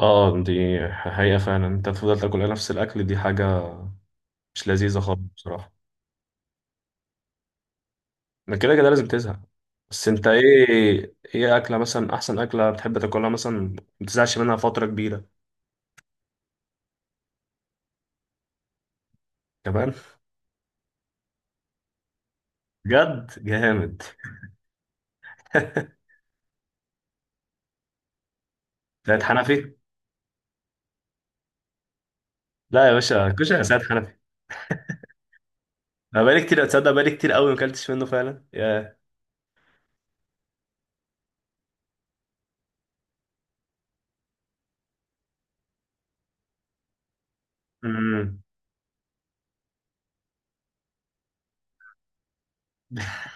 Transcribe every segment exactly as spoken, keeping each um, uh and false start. اه، دي حقيقة فعلا. انت تفضل تاكل نفس الاكل، دي حاجة مش لذيذة خالص بصراحة. من كده كده لازم تزهق. بس انت ايه ايه اكلة مثلا، احسن اكلة بتحب تاكلها مثلا ما تزهقش منها فترة كبيرة؟ كمان؟ بجد جامد. سيد حنفي. لا يا باشا، كشري يا سيد حنفي. انا بقالي كتير، اتصدق بقالي كتير قوي ما اكلتش منه فعلا يا... امم.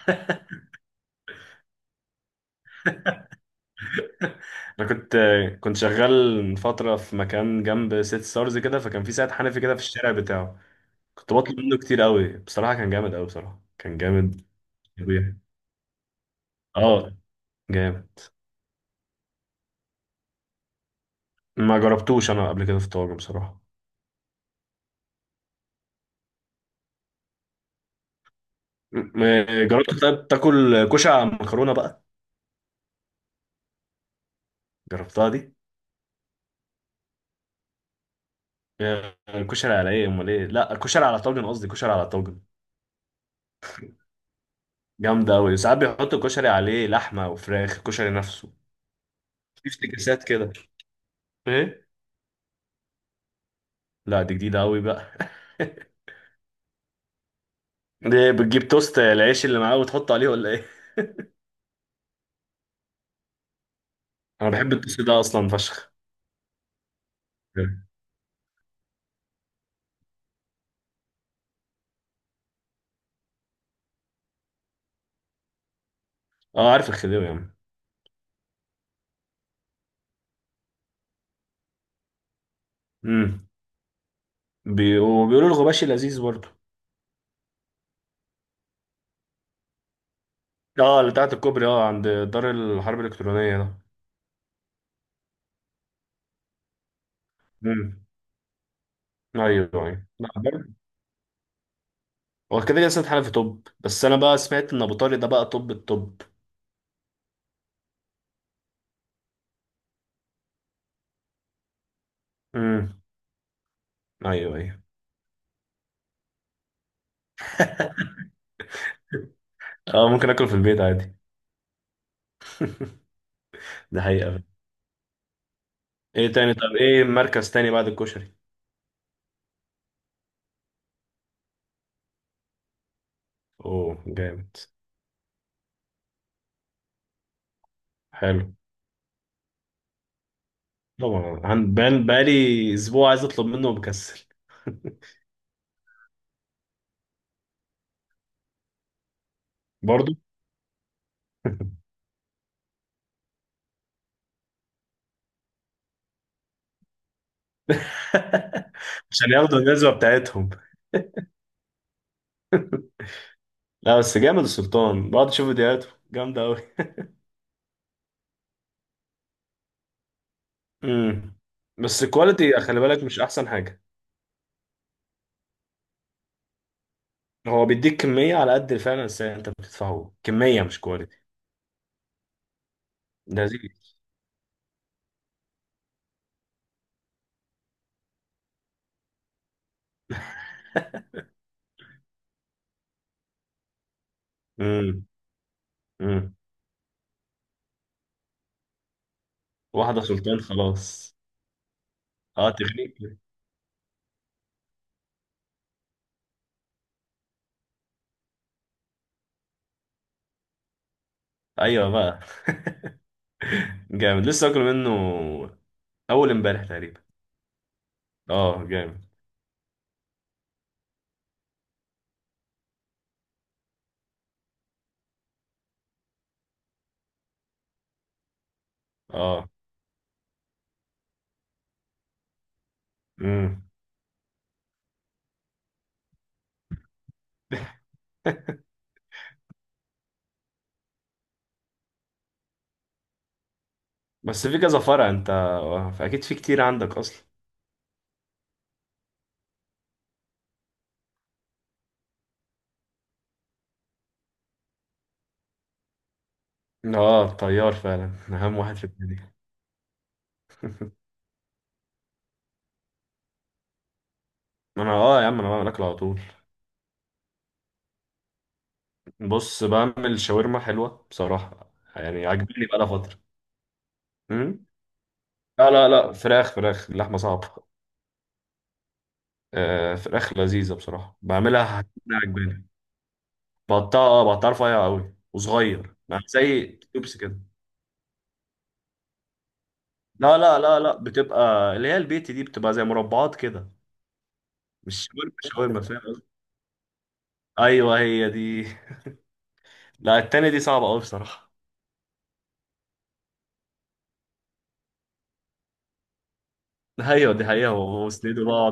انا كنت كنت شغال من فترة في مكان جنب سيت ستارز كده، فكان في سيد حنفي كده في الشارع بتاعه. كنت بطلب منه كتير قوي بصراحة، كان جامد قوي بصراحة، كان جامد. طبيعي. اه، جامد. ما جربتوش انا قبل كده في الطواجن بصراحة. م- م- جربت. طيب تاكل كشري مكرونة بقى؟ جربتها دي؟ يا الكشري على ايه امال؟ ايه؟ لا، الكشري على طاجن، قصدي كشري على طاجن. جامدة قوي، ساعات بيحطوا الكشري عليه لحمة وفراخ، الكشري نفسه في افتكاسات كده. ايه. لا، دي جديدة قوي بقى. دي بتجيب توست العيش اللي معاه وتحطه عليه ولا ايه؟ انا بحب التوست ده اصلا فشخ. اه عارف الخديوي يا عم. امم. بي... وبيقولوا الغباشي لذيذ برضه. اه، اللي بتاعت الكوبري، اه، عند دار الحرب الالكترونيه ده. امم. ايوه ايوه، لا برضه. هو كده كده سيد حنفي توب، بس انا بقى سمعت ان ابو طارق ده بقى توب التوب. امم. ايوه ايوه. اه، ممكن اكله في البيت عادي. ده حقيقه. ايه تاني؟ طب ايه مركز تاني بعد الكشري؟ اوه جامد. حلو. طبعا عن- بقال- بقالي اسبوع عايز اطلب منه ومكسل. برضه. عشان ياخدوا الجزوه بتاعتهم. لا، بس جامد السلطان، بقعد اشوف فيديوهاته جامده قوي. امم. بس الكواليتي خلي بالك مش احسن حاجه. هو بيديك كميه على قد فعلا، بس انت بتدفعه كميه مش كواليتي. لذيذ. امم. امم. واحده سلطان خلاص. اه تغنيك. ايوه بقى. جامد، لسه اكل منه اول امبارح تقريبا. اه جامد. اه. امم. بس في كذا فرع انت، آه، اكيد في كتير عندك اصلا. اه، الطيار فعلا اهم واحد في الدنيا. ما انا اه يا عم انا بعمل اكل على طول. بص، بعمل شاورما حلوه بصراحه، يعني عاجبني بقالها فتره. امم. لا لا لا، فراخ فراخ، اللحمه صعبه. آه، فراخ لذيذه بصراحه بعملها. عجباني. بقطعها، اه بقطعها رفيع قوي وصغير، يعني زي توبس كده. لا لا لا لا، بتبقى اللي هي البيت دي بتبقى زي مربعات كده. مش شاورما شاورما، فاهم قصدي؟ ايوه هي دي. لا، التانية دي صعبه قوي بصراحه. ايوه، دي حقيقه واسنده بقى.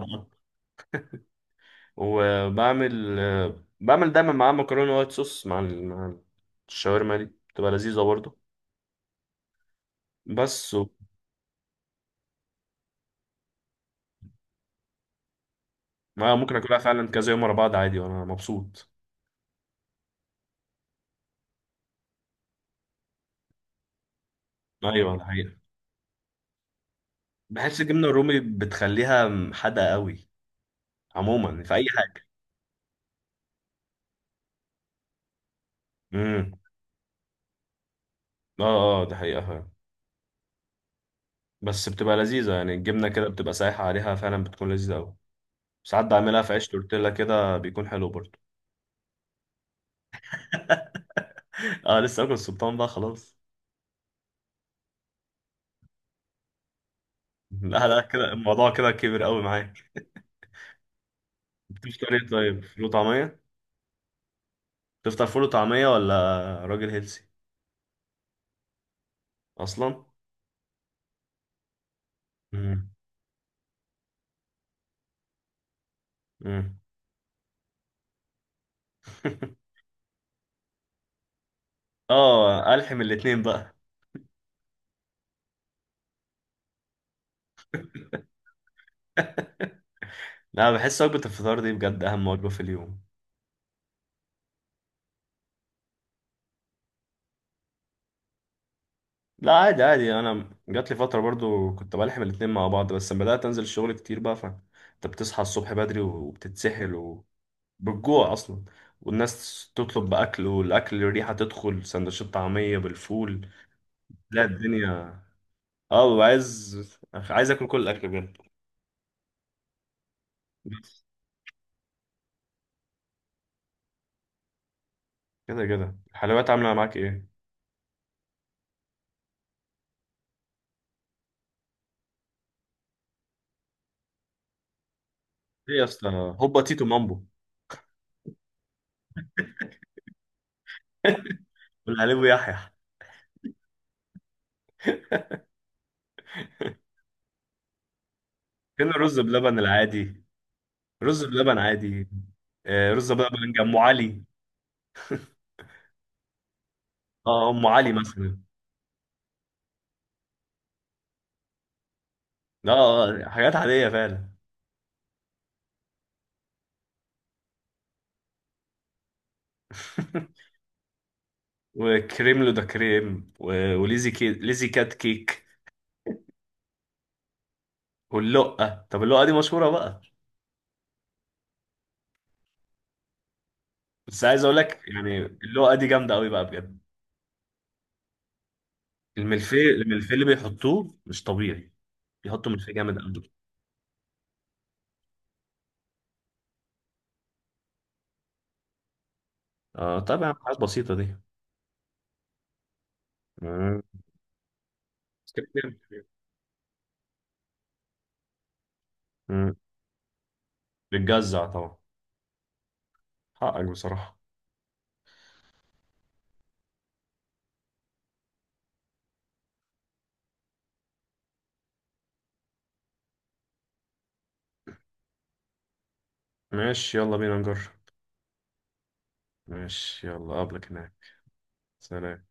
وبعمل آه، بعمل دايما معاه مكرونة وايت صوص مع ال- مع الشاورما، دي بتبقى لذيذة برضه. بس و... آه، ممكن اكلها فعلا كذا يوم ورا بعض عادي وانا مبسوط. ايوه الحقيقة. بحس الجبنة الرومي بتخليها حادقة قوي. عموما في اي حاجة. امم. اه اه، ده حقيقة فعلا. بس بتبقى لذيذة يعني، الجبنة كده بتبقى سايحة عليها فعلا، بتكون لذيذة قوي. ساعات بعملها في عيش تورتيلا كده، بيكون حلو برضه. اه لسه اكل السلطان بقى خلاص. لا لا، كده الموضوع كده كبر قوي معايا. بتفطر ايه؟ طيب فول وطعمية؟ تفطر فول وطعمية ولا؟ راجل هيلسي اصلا. مم. مم. اه، الحم الاتنين بقى. لا بحس وجبة الفطار دي بجد اهم وجبة في اليوم. لا عادي عادي، انا جات لي فترة برضو كنت بلحم الاتنين مع بعض، بس لما بدأت انزل الشغل كتير بقى، فانت بتصحى الصبح بدري وبتتسحل وبالجوع اصلا، والناس تطلب بأكل والأكل الريحة تدخل سندوتشات طعمية بالفول. لا الدنيا. اه، ببقى عايز عايز اكل كل الاكل. بجد. كده كده الحلويات عامله معاك ايه؟ ايه يا اسطى، هوبا تيتو مامبو؟ والحليب يحيى. فين الرز بلبن العادي؟ رز بلبن عادي. آه، رز بلبن ام علي. اه ام علي مثلا. اه، آه، حاجات عاديه فعلا. وكريم لو ده كريم، و- وليزي كي... ليزي كات كيك. واللقه. طب اللقه دي مشهوره بقى. بس عايز اقول لك يعني اللقه دي جامده قوي بقى بجد. الملفيه الملفيه اللي بيحطوه مش طبيعي، بيحطوا ملفيه جامد قوي. اه طبعا، حاجات بسيطه دي. آه. سكرتير. مم. بتجزع طبعا. حقك بصراحة. ماشي يلا بينا نجرب. ماشي يلا، قبلك هناك. سلام.